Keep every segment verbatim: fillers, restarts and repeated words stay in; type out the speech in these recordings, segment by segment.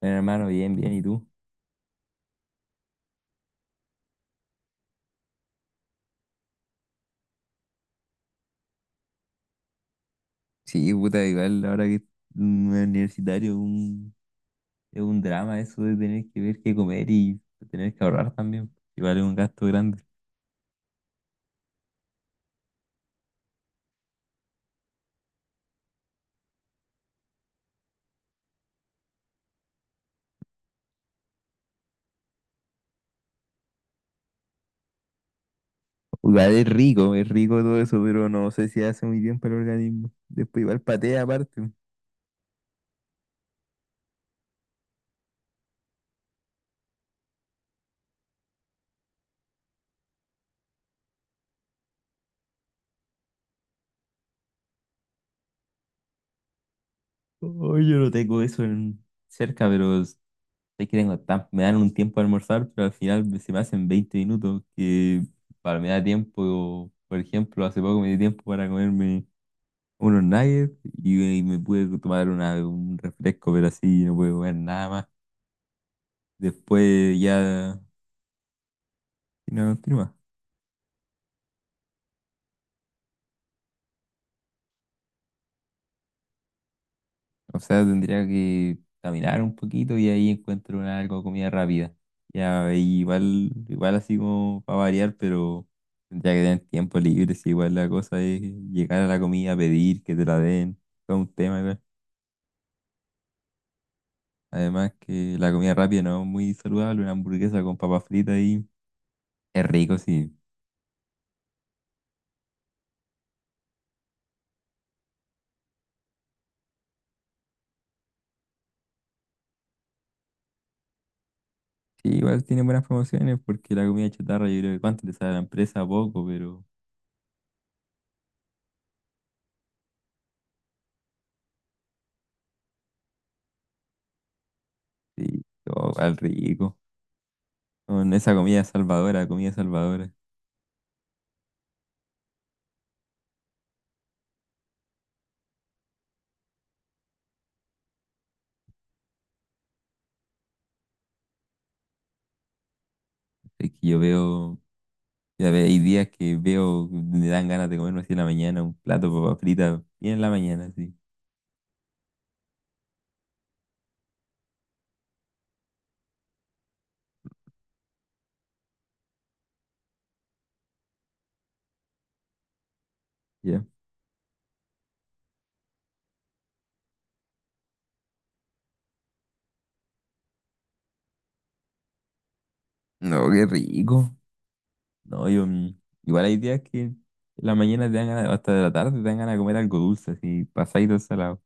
Bueno, hermano, bien, bien, ¿y tú? Sí, puta, igual ahora que es un universitario un- es un drama eso de tener que ver qué comer y tener que ahorrar también. Igual es un gasto grande. Igual es rico, es rico todo eso, pero no sé si hace muy bien para el organismo. Después igual patea aparte. Oh, yo no tengo eso en- cerca, pero es es que tengo tan- me dan un tiempo a almorzar, pero al final se me hacen veinte minutos que para me da tiempo, por ejemplo, hace poco me di tiempo para comerme unos nuggets y ahí me pude tomar una- un refresco, pero así no pude comer nada más. Después ya no continúa. O sea, tendría que caminar un poquito y ahí encuentro una, algo de comida rápida. Ya ahí igual, igual así como para variar, pero tendría que tener tiempo libre. Si igual la cosa es llegar a la comida, pedir que te la den, todo un tema igual. Además que la comida rápida no es muy saludable, una hamburguesa con papas fritas ahí es rico, sí. Sí, igual tiene buenas promociones porque la comida chatarra, yo creo que cuánto le sale a la empresa, poco, pero sí, todo al rico. Con esa comida salvadora, comida salvadora. Es que yo veo, ya ve, hay días que veo, que me dan ganas de comerme así en la mañana, un plato de papas fritas, bien en la mañana, así. Ya. No, qué rico. No, yo, mm, igual hay días que en la mañana te dan ganas, hasta de la tarde te dan ganas de comer algo dulce, así, pasadito salado.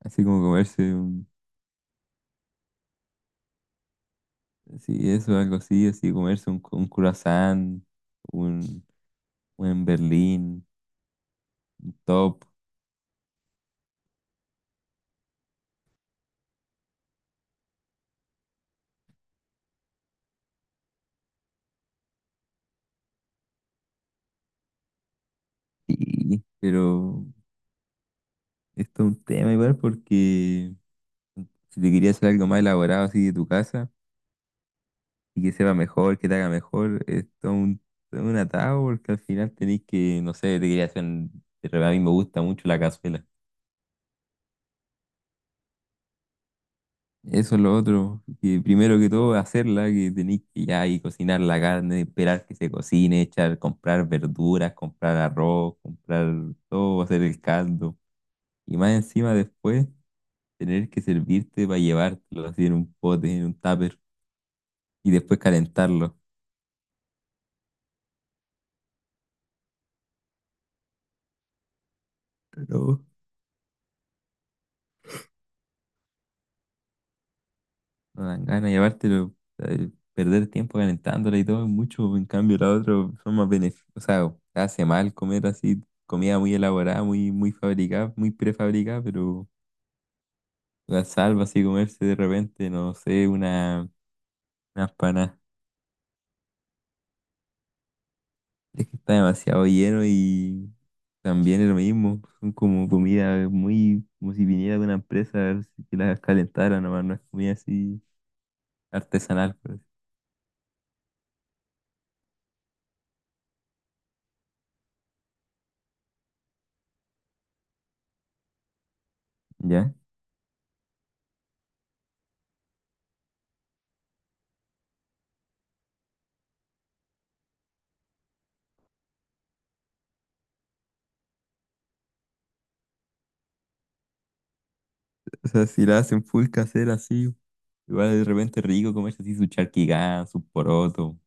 Así como comerse sí, eso, algo así, así comerse un, un croissant, un, un Berlín, top. Sí, pero esto es un tema igual porque si te quería hacer algo más elaborado así de tu casa y que sepa mejor, que te haga mejor, esto es todo un, todo un atado porque al final tenés que, no sé, te quería hacer, un- de verdad a mí me gusta mucho la cazuela. Eso es lo otro, que primero que todo hacerla, que tenéis que ya ahí cocinar la carne, esperar que se cocine, echar, comprar verduras, comprar arroz, comprar todo, hacer el caldo. Y más encima después tener que servirte para llevártelo así en un pote, en un tupper, y después calentarlo. Pero no dan ganas de llevártelo, eh, perder tiempo calentándola y todo es mucho, en cambio la otra son más beneficios, o sea, hace mal comer así, comida muy elaborada, muy, muy fabricada, muy prefabricada, pero la salva así comerse de repente, no sé, una, unas panas. Es que está demasiado lleno y también es lo mismo. Son como comida muy, como si viniera de una empresa a ver si que las calentara nomás, no es comida así artesanal, por así- ¿ya? O sea, si la hacen full casera así, igual de repente es rico comerse así su charquigán, su poroto,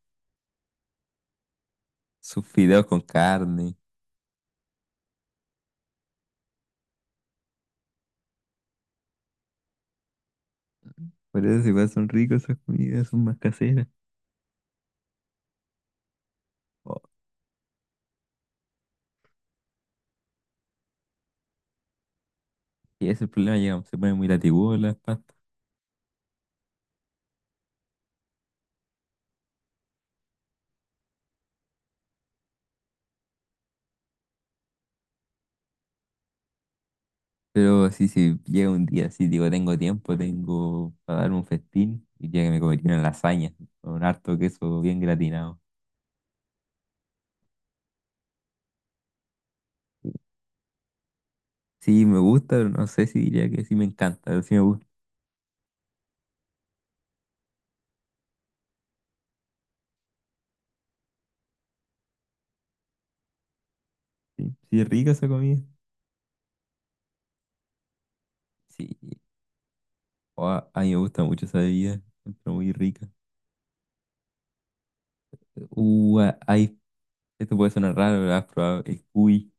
sus fideos con carne. Por eso igual son ricos esas comidas, son más caseras. Oh, y ese es el problema, llegamos, se ponen muy latigudos las pastas. Pero así si llega un día así, digo, tengo tiempo, tengo para dar un festín, y ya que me comería una lasaña con harto queso bien gratinado. Sí, me gusta, pero no sé si diría que sí me encanta, pero sí me gusta. Sí, sí es rica esa comida. Sí, o a, a mí me gusta mucho esa bebida, encuentro muy rica. Uh, a- hay, esto puede sonar raro, pero has probado el cuy.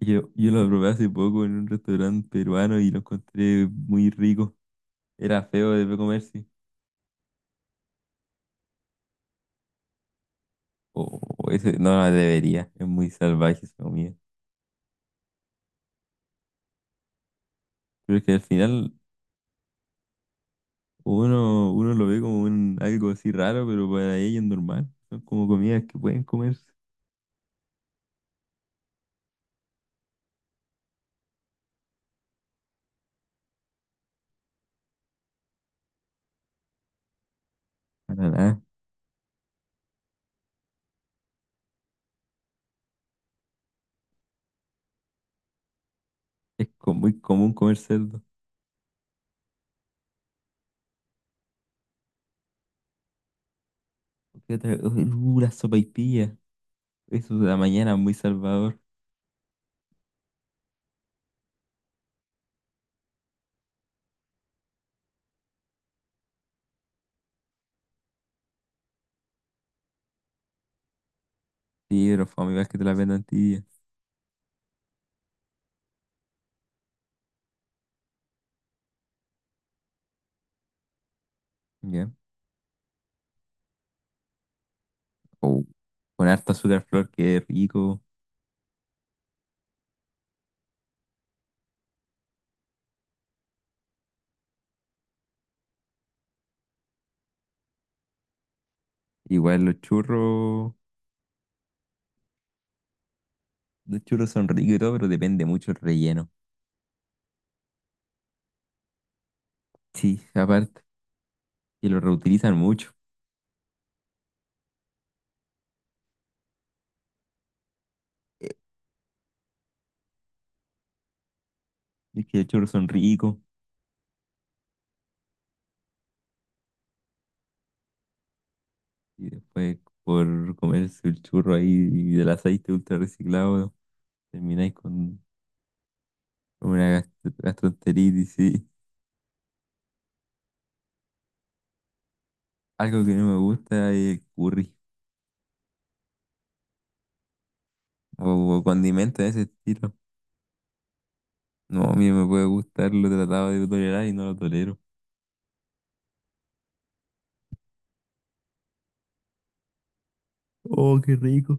Yo, yo lo probé hace poco en un restaurante peruano y lo encontré muy rico. Era feo de comerse o ese, no, la debería, es muy salvaje esa comida. Pero es que al final uno, uno lo ve como un, algo así raro, pero para ellos es normal. Son como comidas que pueden comerse. Para nada. Es co- muy común comer cerdo. ¿Qué otra? Uy, uh, la sopaipilla. Eso de la mañana, muy salvador. Sí, pero fue igual que te la vendan tibia. ¿Ya? O con harta azúcar flor, que rico. Igual los churros, los churros son ricos y todo, pero depende mucho el relleno. Sí, aparte, y lo reutilizan mucho. Es que los churros son ricos y después por comerse el churro ahí y del aceite ultra reciclado termináis con con una gast- gastroenteritis, sí, algo que no me gusta es el curry o, o condimentos de ese estilo. No, a mí no me puede gustar, lo he tratado de tolerar y no lo tolero. Oh, qué rico.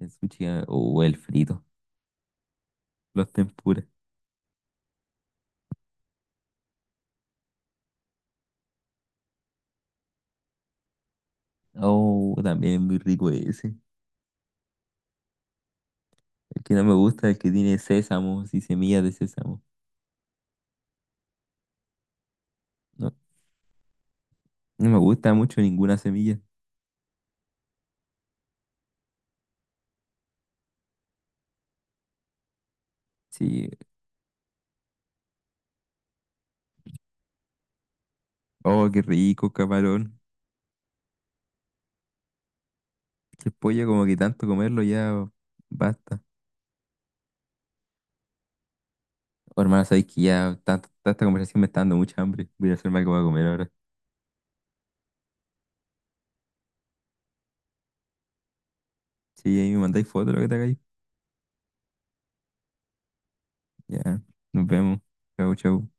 El sushi ah, o el frito, los tempura. Oh, también muy rico ese. El que no me gusta es el que tiene sésamo y semillas de sésamo. No, no me gusta mucho ninguna semilla. Sí, oh, qué rico, camarón. El pollo, como que tanto comerlo ya basta. Oh, hermana, sabéis que ya tanta, tanta conversación me está dando mucha hambre. Voy a ir a hacerme algo para comer ahora. Sí, ahí me mandáis fotos de lo que te hagáis. Ya, nos vemos. Chau, chau.